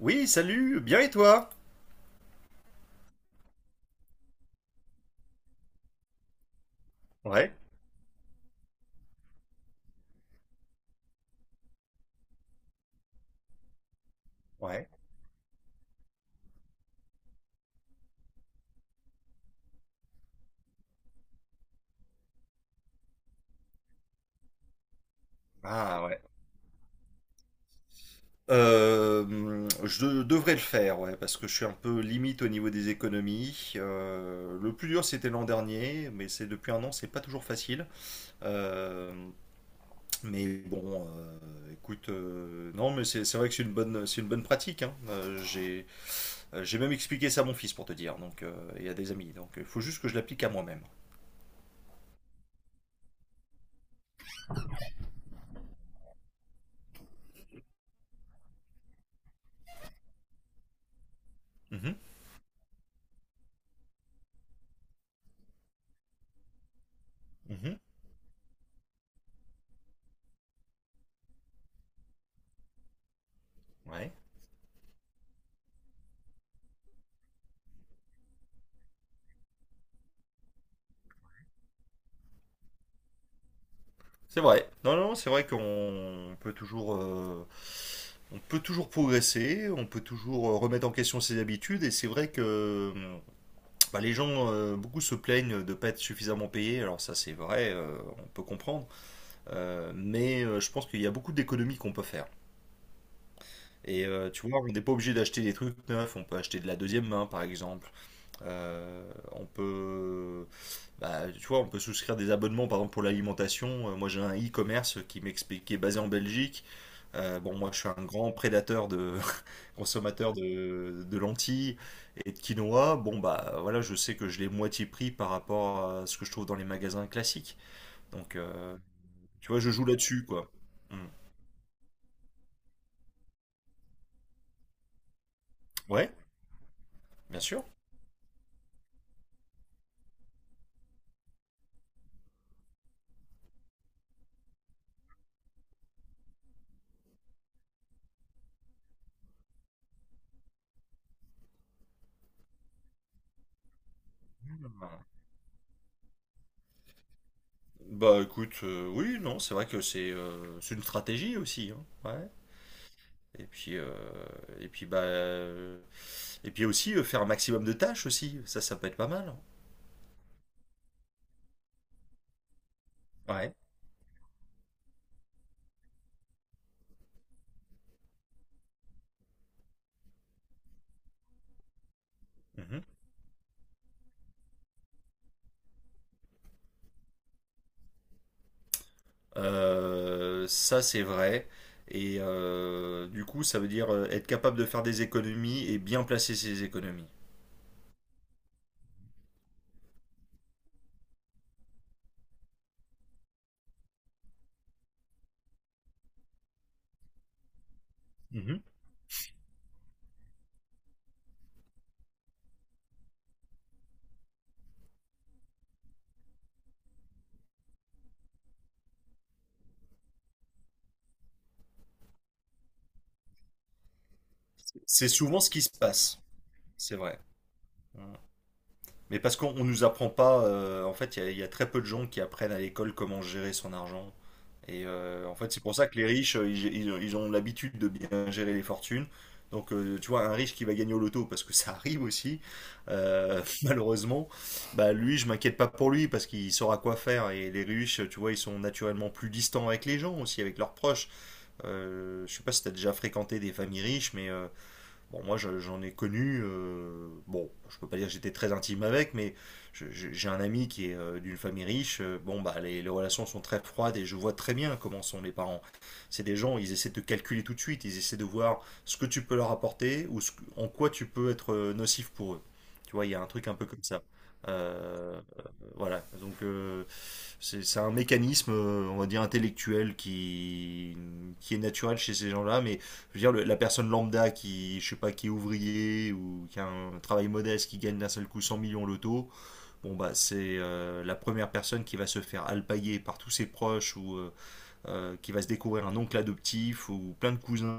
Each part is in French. Oui, salut, bien et toi? Ouais, ouais. Ah ouais. Je devrais le faire, ouais, parce que je suis un peu limite au niveau des économies. Le plus dur, c'était l'an dernier, mais c'est depuis un an, c'est pas toujours facile. Euh, mais bon, écoute, non, mais c'est vrai que c'est une bonne pratique, hein. J'ai même expliqué ça à mon fils pour te dire, donc, et à des amis. Donc, il faut juste que je l'applique à moi-même. Mhm, mhm, ouais. C'est vrai. Non, non, c'est vrai qu'on peut toujours, on peut toujours progresser, on peut toujours remettre en question ses habitudes. Et c'est vrai que bah, les gens, beaucoup se plaignent de ne pas être suffisamment payés. Alors ça, c'est vrai, on peut comprendre. Je pense qu'il y a beaucoup d'économies qu'on peut faire. Et tu vois, on n'est pas obligé d'acheter des trucs neufs. On peut acheter de la deuxième main, par exemple. On peut bah, tu vois, on peut souscrire des abonnements, par exemple, pour l'alimentation. Moi, j'ai un e-commerce qui m'explique, qui est basé en Belgique. Bon, moi, je suis un grand prédateur de consommateur de lentilles et de quinoa. Bon, bah, voilà, je sais que je l'ai moitié prix par rapport à ce que je trouve dans les magasins classiques. Donc, tu vois, je joue là-dessus, quoi. Mm. Ouais, bien sûr. Bah écoute, oui, non, c'est vrai que c'est une stratégie aussi, hein. Ouais. Et puis, et puis, bah, euh, et puis aussi faire un maximum de tâches aussi. Ça peut être pas mal. Ouais. Mhm. Ça, c'est vrai. Et du coup, ça veut dire être capable de faire des économies et bien placer ses économies. Mhm. C'est souvent ce qui se passe. C'est vrai. Mais parce qu'on nous apprend pas, en fait, il y a très peu de gens qui apprennent à l'école comment gérer son argent. Et en fait, c'est pour ça que les riches, ils ont l'habitude de bien gérer les fortunes. Donc, tu vois, un riche qui va gagner au loto, parce que ça arrive aussi, malheureusement, bah lui, je m'inquiète pas pour lui, parce qu'il saura quoi faire. Et les riches, tu vois, ils sont naturellement plus distants avec les gens aussi, avec leurs proches. Je sais pas si t'as déjà fréquenté des familles riches, mais bon, moi, j'en ai connu. Bon, je peux pas dire que j'étais très intime avec, mais j'ai un ami qui est d'une famille riche. Bon, bah, les relations sont très froides et je vois très bien comment sont les parents. C'est des gens, ils essaient de te calculer tout de suite. Ils essaient de voir ce que tu peux leur apporter ou en quoi tu peux être nocif pour eux. Tu vois, il y a un truc un peu comme ça. Euh, euh, voilà. Donc, c'est un mécanisme, on va dire, intellectuel qui est naturel chez ces gens-là, mais je veux dire, la personne lambda qui, je sais pas, qui est ouvrier ou qui a un travail modeste, qui gagne d'un seul coup 100 millions loto, bon bah c'est la première personne qui va se faire alpaguer par tous ses proches ou qui va se découvrir un oncle adoptif ou plein de cousins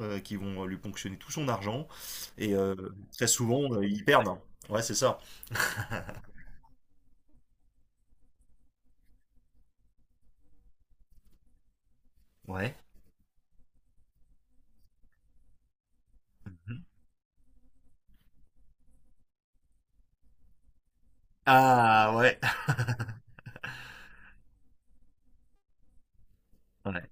qui vont lui ponctionner tout son argent et très souvent ils perdent. Ouais, c'est ça. Ouais. Mhm. Ah ouais. Ouais.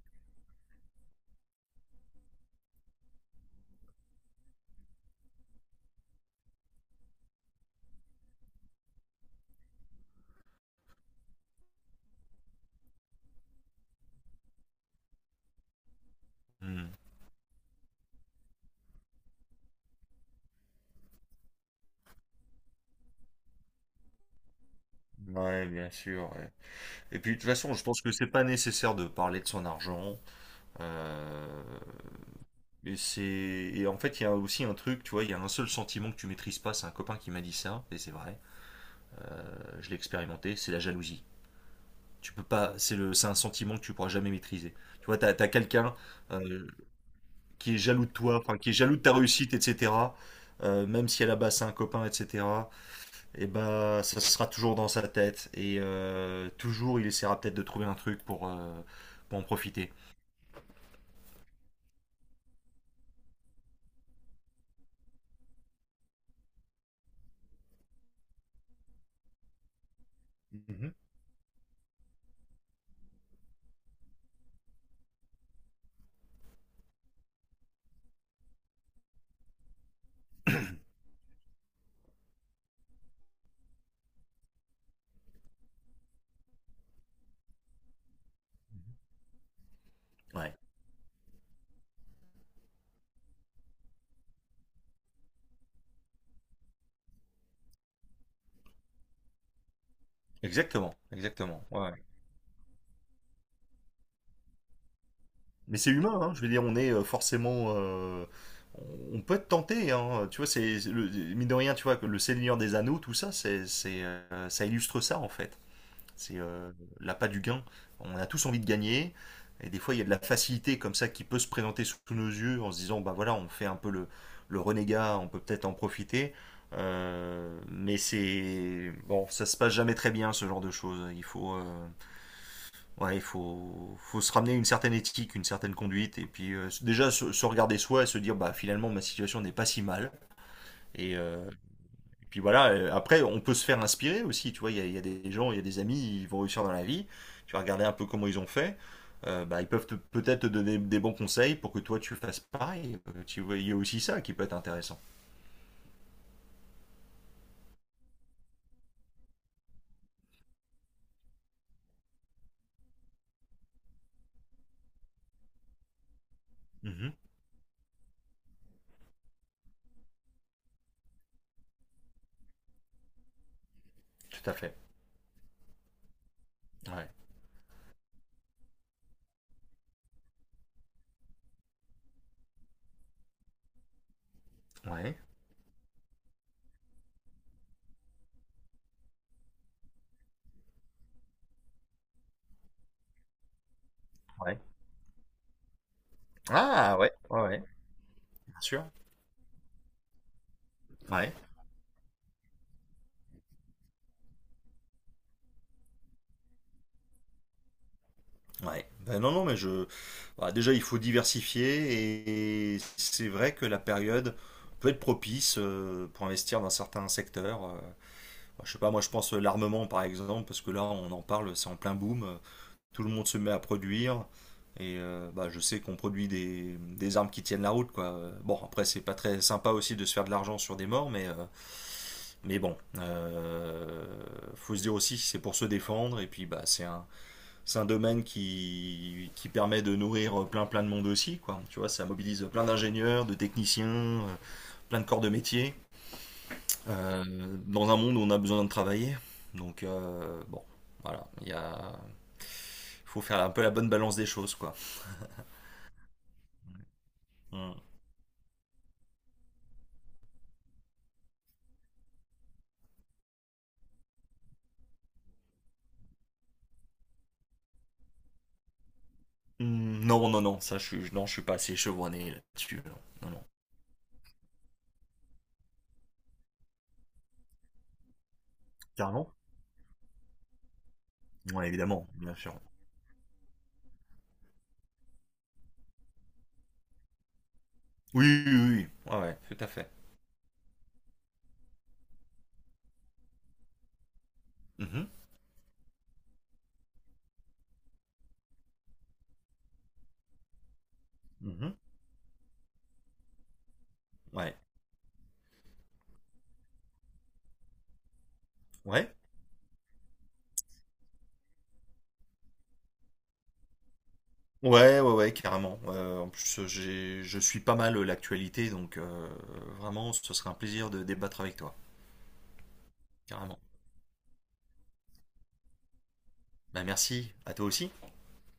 Mm. Ouais, bien sûr. Ouais. Et puis de toute façon, je pense que c'est pas nécessaire de parler de son argent. Euh, Et c'est et en fait il y a aussi un truc, tu vois, il y a un seul sentiment que tu maîtrises pas, c'est un copain qui m'a dit ça et c'est vrai, je l'ai expérimenté, c'est la jalousie. Tu peux pas, c'est un sentiment que tu pourras jamais maîtriser. Tu vois, t'as quelqu'un euh, qui est jaloux de toi, enfin qui est jaloux de ta réussite, etc. Même si à la base c'est un copain, etc. Et bah ça sera toujours dans sa tête et toujours il essaiera peut-être de trouver un truc pour en profiter. Mhm. Ouais. Exactement, exactement. Ouais, ouais. Mais c'est humain, hein, je veux dire, on est forcément. On peut être tenté, hein, tu vois, mine de rien, tu vois, que le Seigneur des Anneaux, tout ça, c'est, ça illustre ça, en fait. C'est l'appât du gain. On a tous envie de gagner. Et des fois, il y a de la facilité comme ça qui peut se présenter sous nos yeux en se disant, bah voilà, on fait un peu le renégat, on peut peut-être en profiter. Mais c'est. Bon, ça se passe jamais très bien, ce genre de choses. Il faut. Ouais, faut se ramener une certaine éthique, une certaine conduite, et puis déjà se regarder soi et se dire, bah finalement ma situation n'est pas si mal. Et, euh, et puis voilà, après on peut se faire inspirer aussi, tu vois, il y a des gens, il y a des amis, ils vont réussir dans la vie, tu vas regarder un peu comment ils ont fait, bah, peut-être te donner des bons conseils pour que toi tu fasses pareil. Tu vois, il y a aussi ça qui peut être intéressant. Mhm, tout à fait. Ouais. Ouais. Ouais. Ah ouais, ouais, ouais, bien sûr. Ouais. Ouais. Ben non, non, mais je. Bah, déjà, il faut diversifier et c'est vrai que la période peut être propice pour investir dans certains secteurs. Bah, je sais pas, moi, je pense l'armement par exemple, parce que là, on en parle, c'est en plein boom. Tout le monde se met à produire et bah, je sais qu'on produit des armes qui tiennent la route, quoi. Bon, après, c'est pas très sympa aussi de se faire de l'argent sur des morts, mais, mais bon, euh, faut se dire aussi, c'est pour se défendre et puis bah, c'est un domaine qui permet de nourrir plein plein de monde aussi, quoi. Tu vois, ça mobilise plein d'ingénieurs, de techniciens, euh, plein de corps de métier, euh, dans un monde où on a besoin de travailler, donc bon, voilà, il y a faut faire un peu la bonne balance des choses, quoi. Mm. Mm, non non non, ça je suis non, je suis pas assez chevronné là-dessus, non, non, non. Carrément. Ouais, évidemment, bien sûr. Oui oui oui, ouais, ouais, tout à fait. Mhm. Mhm. Ouais, ouais. Ouais, ouais, ouais, carrément. Je suis pas mal l'actualité, donc vraiment, ce serait un plaisir de débattre avec toi, carrément. Bah, merci, à toi aussi.